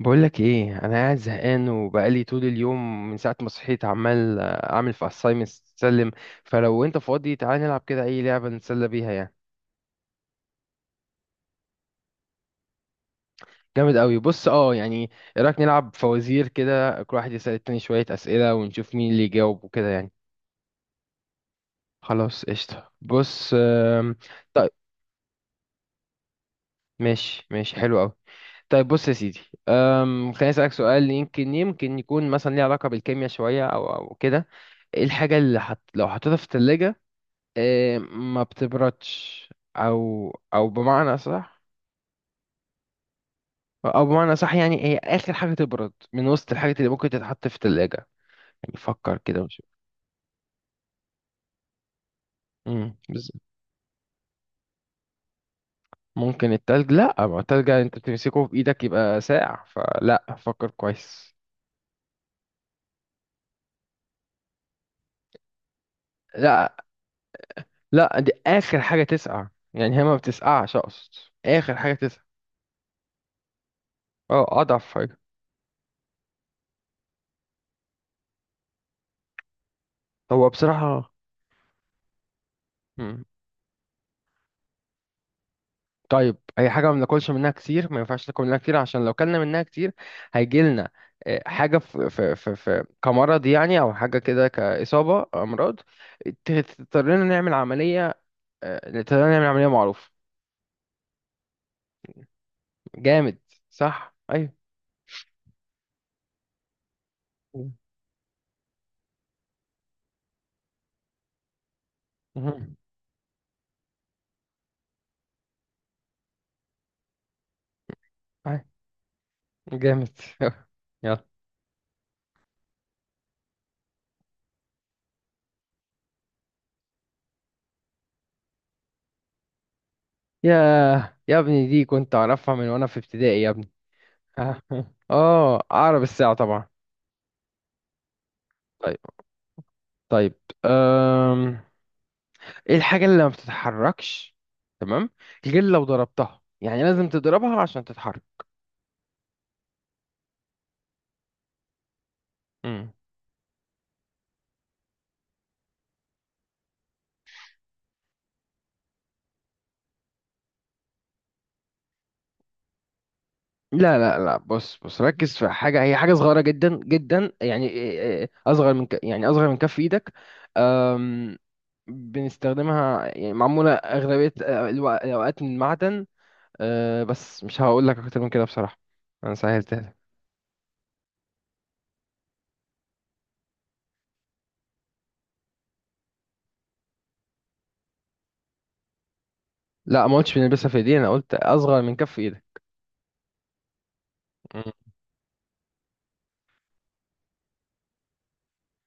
بقولك ايه، انا قاعد زهقان وبقالي طول اليوم من ساعه ما صحيت عمال اعمل في assignments تسلم. فلو انت فاضي تعالى نلعب كده اي لعبه نتسلى بيها يعني. جامد قوي. بص يعني، ايه رايك نلعب فوازير كده، كل واحد يسال التاني شويه اسئله ونشوف مين اللي يجاوب وكده يعني. خلاص قشطه. بص طيب. ماشي ماشي، حلو قوي. طيب بص يا سيدي. خليني اسالك سؤال، يمكن يمكن يكون مثلا ليه علاقه بالكيمياء شويه او كده. ايه الحاجه اللي لو حطيتها في الثلاجه؟ إيه، ما بتبردش. او بمعنى صح. او بمعنى صح، يعني هي اخر حاجه تبرد من وسط الحاجات اللي ممكن تتحط في الثلاجه. يعني فكر كده وشوف. امم بز- ممكن التلج؟ لا، ما التلج انت بتمسكه في ايدك يبقى ساقع، فلا، فكر كويس. لا لا، دي اخر حاجه تسقع، يعني هي ما بتسقعش اقصد. اخر حاجه تسقع. اه، اضعف حاجه. هو بصراحه. طيب اي حاجه ما بناكلش منها كتير، ما ينفعش ناكل منها كتير، عشان لو كلنا منها كتير هيجي لنا حاجه في كمرض يعني، او حاجه كده كاصابه امراض. تضطرنا نعمل عمليه. تضطرنا نعمل عمليه معروف. جامد. صح ايوه. مهم. أيوة. جامد. يلا. يا يا ابني، دي كنت اعرفها من وانا في ابتدائي يا ابني. اه، اعرف الساعه طبعا. طيب. طيب. أم... ايه الحاجة اللي ما بتتحركش؟ تمام. غير لو ضربتها، يعني لازم تضربها عشان تتحرك. امم. لا لا لا، بص بص، ركز في حاجة، هي حاجة صغيرة جدا جدا يعني إيه، أصغر من يعني أصغر من كف إيدك. أم... بنستخدمها، يعني معمولة أغلبية الأوقات من معدن. أه، بس مش هقول لك أكتر من كده بصراحة. أنا سهلتها لك. لا، ما قلتش بنلبسها في إيدينا، أنا قلت أصغر من كف إيدك. مم.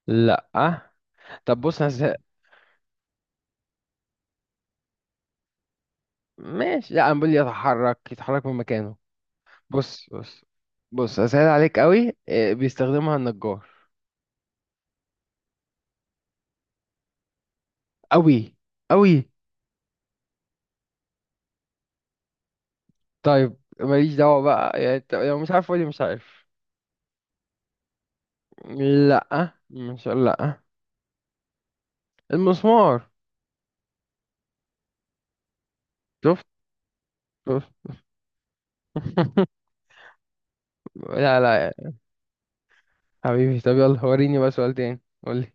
لا. طب بص. ماشي، لا، انا بقول يتحرك، يتحرك من مكانه. بص بص بص، اسهل عليك قوي. بيستخدمها النجار. قوي، قوي. طيب ماليش دعوة بقى، يعني انت لو مش عارف قولي مش عارف. لا، مش، لا. المسمار. شفت؟ شفت؟ لا لا يا حبيبي، طب يلا وريني بقى سؤال تاني. قولي.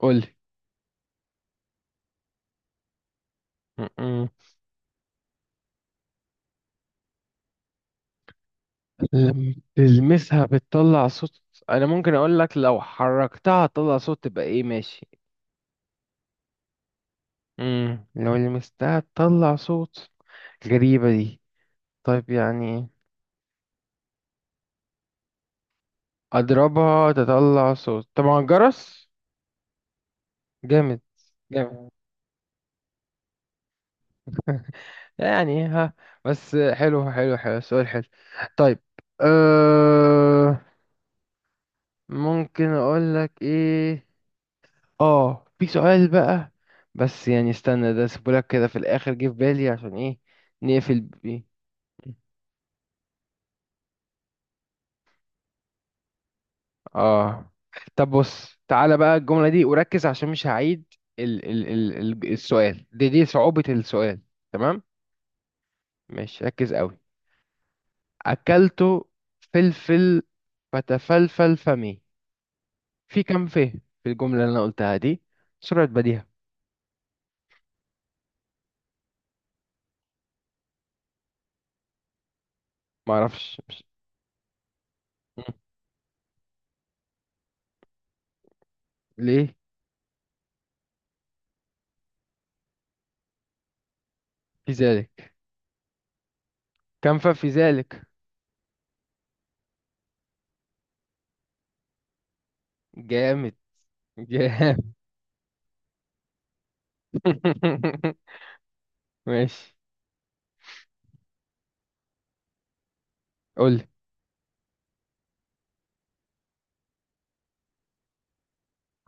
قولي. م-م. لما تلمسها بتطلع صوت؟ انا ممكن اقول لك لو حركتها تطلع صوت تبقى ايه، ماشي؟ لو لمستها تطلع صوت. غريبة دي. طيب يعني. أضربها تطلع صوت، طبعا الجرس. جامد. جامد يعني ها. بس، حلو حلو حلو، سؤال حلو. طيب. أه ممكن أقول لك إيه؟ في سؤال بقى. بس يعني استنى، ده سيبولك كده في الآخر، جه في بالي عشان إيه، نقفل بيه. اه طب بص، تعالى بقى الجملة دي وركز عشان مش هعيد. ال ال ال ال السؤال دي صعوبة السؤال. تمام. ماشي، ركز قوي. أكلت فلفل فتفلفل فمي. في كم فيه؟ في الجملة اللي أنا قلتها دي. سرعة بديهة. معرفش، مش... مم. ليه؟ في ذلك. كم فيه في ذلك؟ جامد. جامد. ماشي، قولي.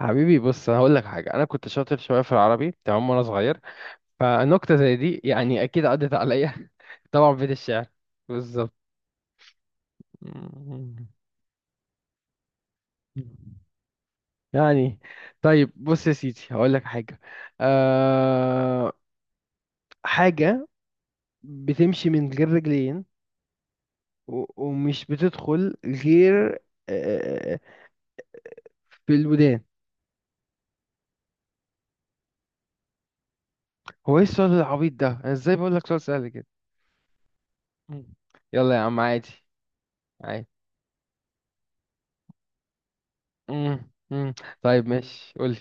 حبيبي بص، انا هقول لك حاجه، انا كنت شاطر شويه في العربي تمام وانا صغير. فنكتة زي دي يعني أكيد عدت عليا. طبعا في بيت الشعر. بالظبط. يعني، طيب بص يا سيدي هقول لك حاجة. أه. حاجة بتمشي من غير رجلين ومش بتدخل غير أه في الودان. هو ايه السؤال العبيط ده، انا ازاي بقول لك سؤال سهل كده؟ مم. يلا يا عم، عادي، عادي. مم، مم. طيب، ماشي، قولي.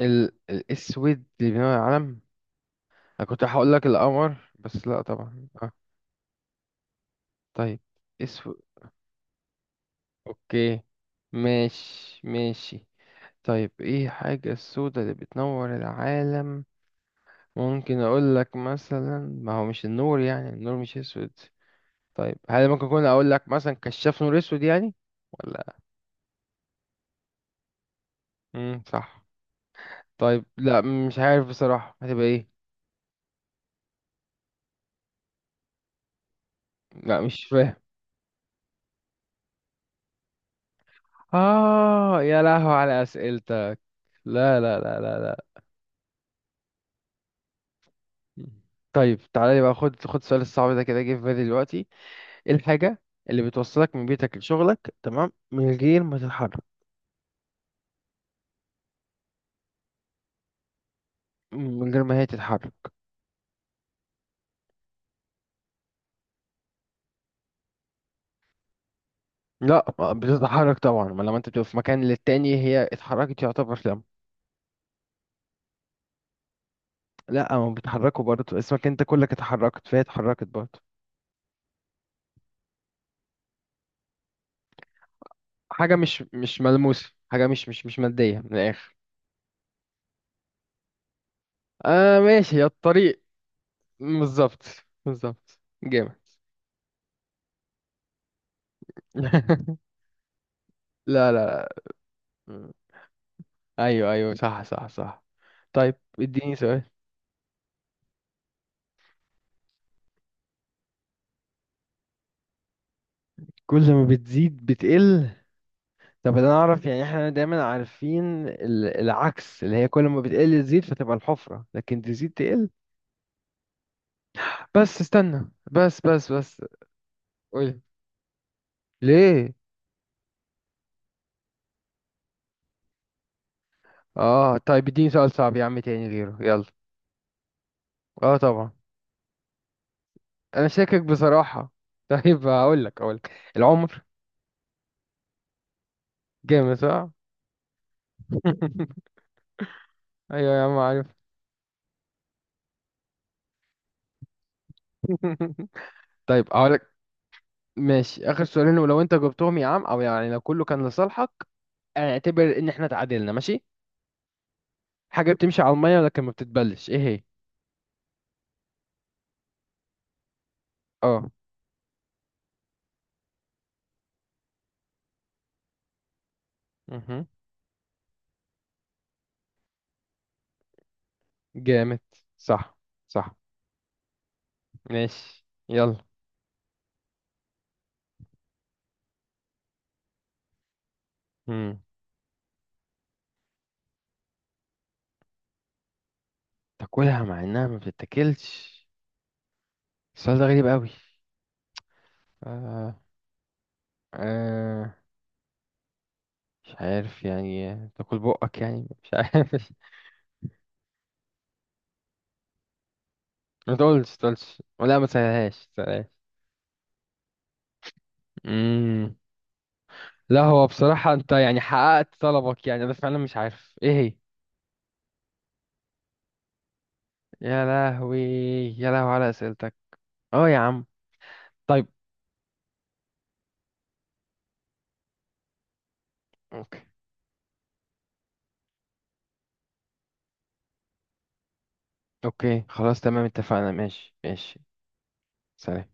الاسود اللي بينور على العالم؟ انا كنت هقول لك القمر، بس لا طبعا اه. طيب اسود. اوكي، ماشي ماشي. طيب ايه حاجة السوداء اللي بتنور العالم؟ ممكن اقول لك مثلا، ما هو مش النور، يعني النور مش اسود. طيب هل ممكن اكون اقول لك مثلا كشاف نور اسود يعني، ولا؟ امم، صح. طيب، لا، مش عارف بصراحة، هتبقى ايه؟ لا، مش فاهم. اه، يا لهو على اسئلتك. لا لا لا لا لا. طيب تعالى لي بقى، خد خد السؤال الصعب ده، كده جه في بالي دلوقتي. ايه الحاجة اللي بتوصلك من بيتك لشغلك، تمام، من غير ما تتحرك؟ من غير ما هي تتحرك. لا، ما بتتحرك طبعا، ما لما انت بتبقى في مكان للتاني هي اتحركت يعتبر لما. لا ما بتحركوا برضه، اسمك انت كلك اتحركت فهي اتحركت برضه. حاجة مش ملموسة، حاجة مش مادية من الآخر. ماشي يا الطريق. بالظبط. بالظبط جامد. لا لا لا. ايوه ايوه، صح صح صح. طيب اديني سؤال. كل ما بتزيد بتقل. طب انا اعرف، يعني احنا دايما عارفين العكس، اللي هي كل ما بتقل تزيد فتبقى الحفرة، لكن تزيد تقل. بس استنى، بس بس بس. قولي. ليه؟ اه طيب، اديني سؤال صعب يا عم تاني غيره، يلا. اه طبعا. انا شاكك بصراحة. طيب، هقول لك. العمر. جامد صح. ايوه يا عم عارف. طيب هقول لك. ماشي، اخر سؤالين، ولو انت جبتهم يا عم، او يعني لو كله كان لصالحك اعتبر ان احنا اتعادلنا، ماشي. حاجة بتمشي على المية لكن ما بتتبلش، ايه هي؟ اه. مهم. جامد. صح. صح. ماشي، يلا. مم. تاكلها مع انها ما بتتاكلش. السؤال ده غريب قوي. آه. آه. مش عارف، يعني تاكل بقك، يعني مش عارف. ما تقولش ما تقولش، ولا ما تسهلهاش ما تسهلهاش. مم. لا، هو بصراحة انت يعني حققت طلبك، يعني انا فعلا مش عارف ايه هي. يا لهوي. يا لهوي على اسئلتك. اه يا عم. طيب. اوكي، اوكي خلاص تمام اتفقنا، ماشي ماشي. سلام.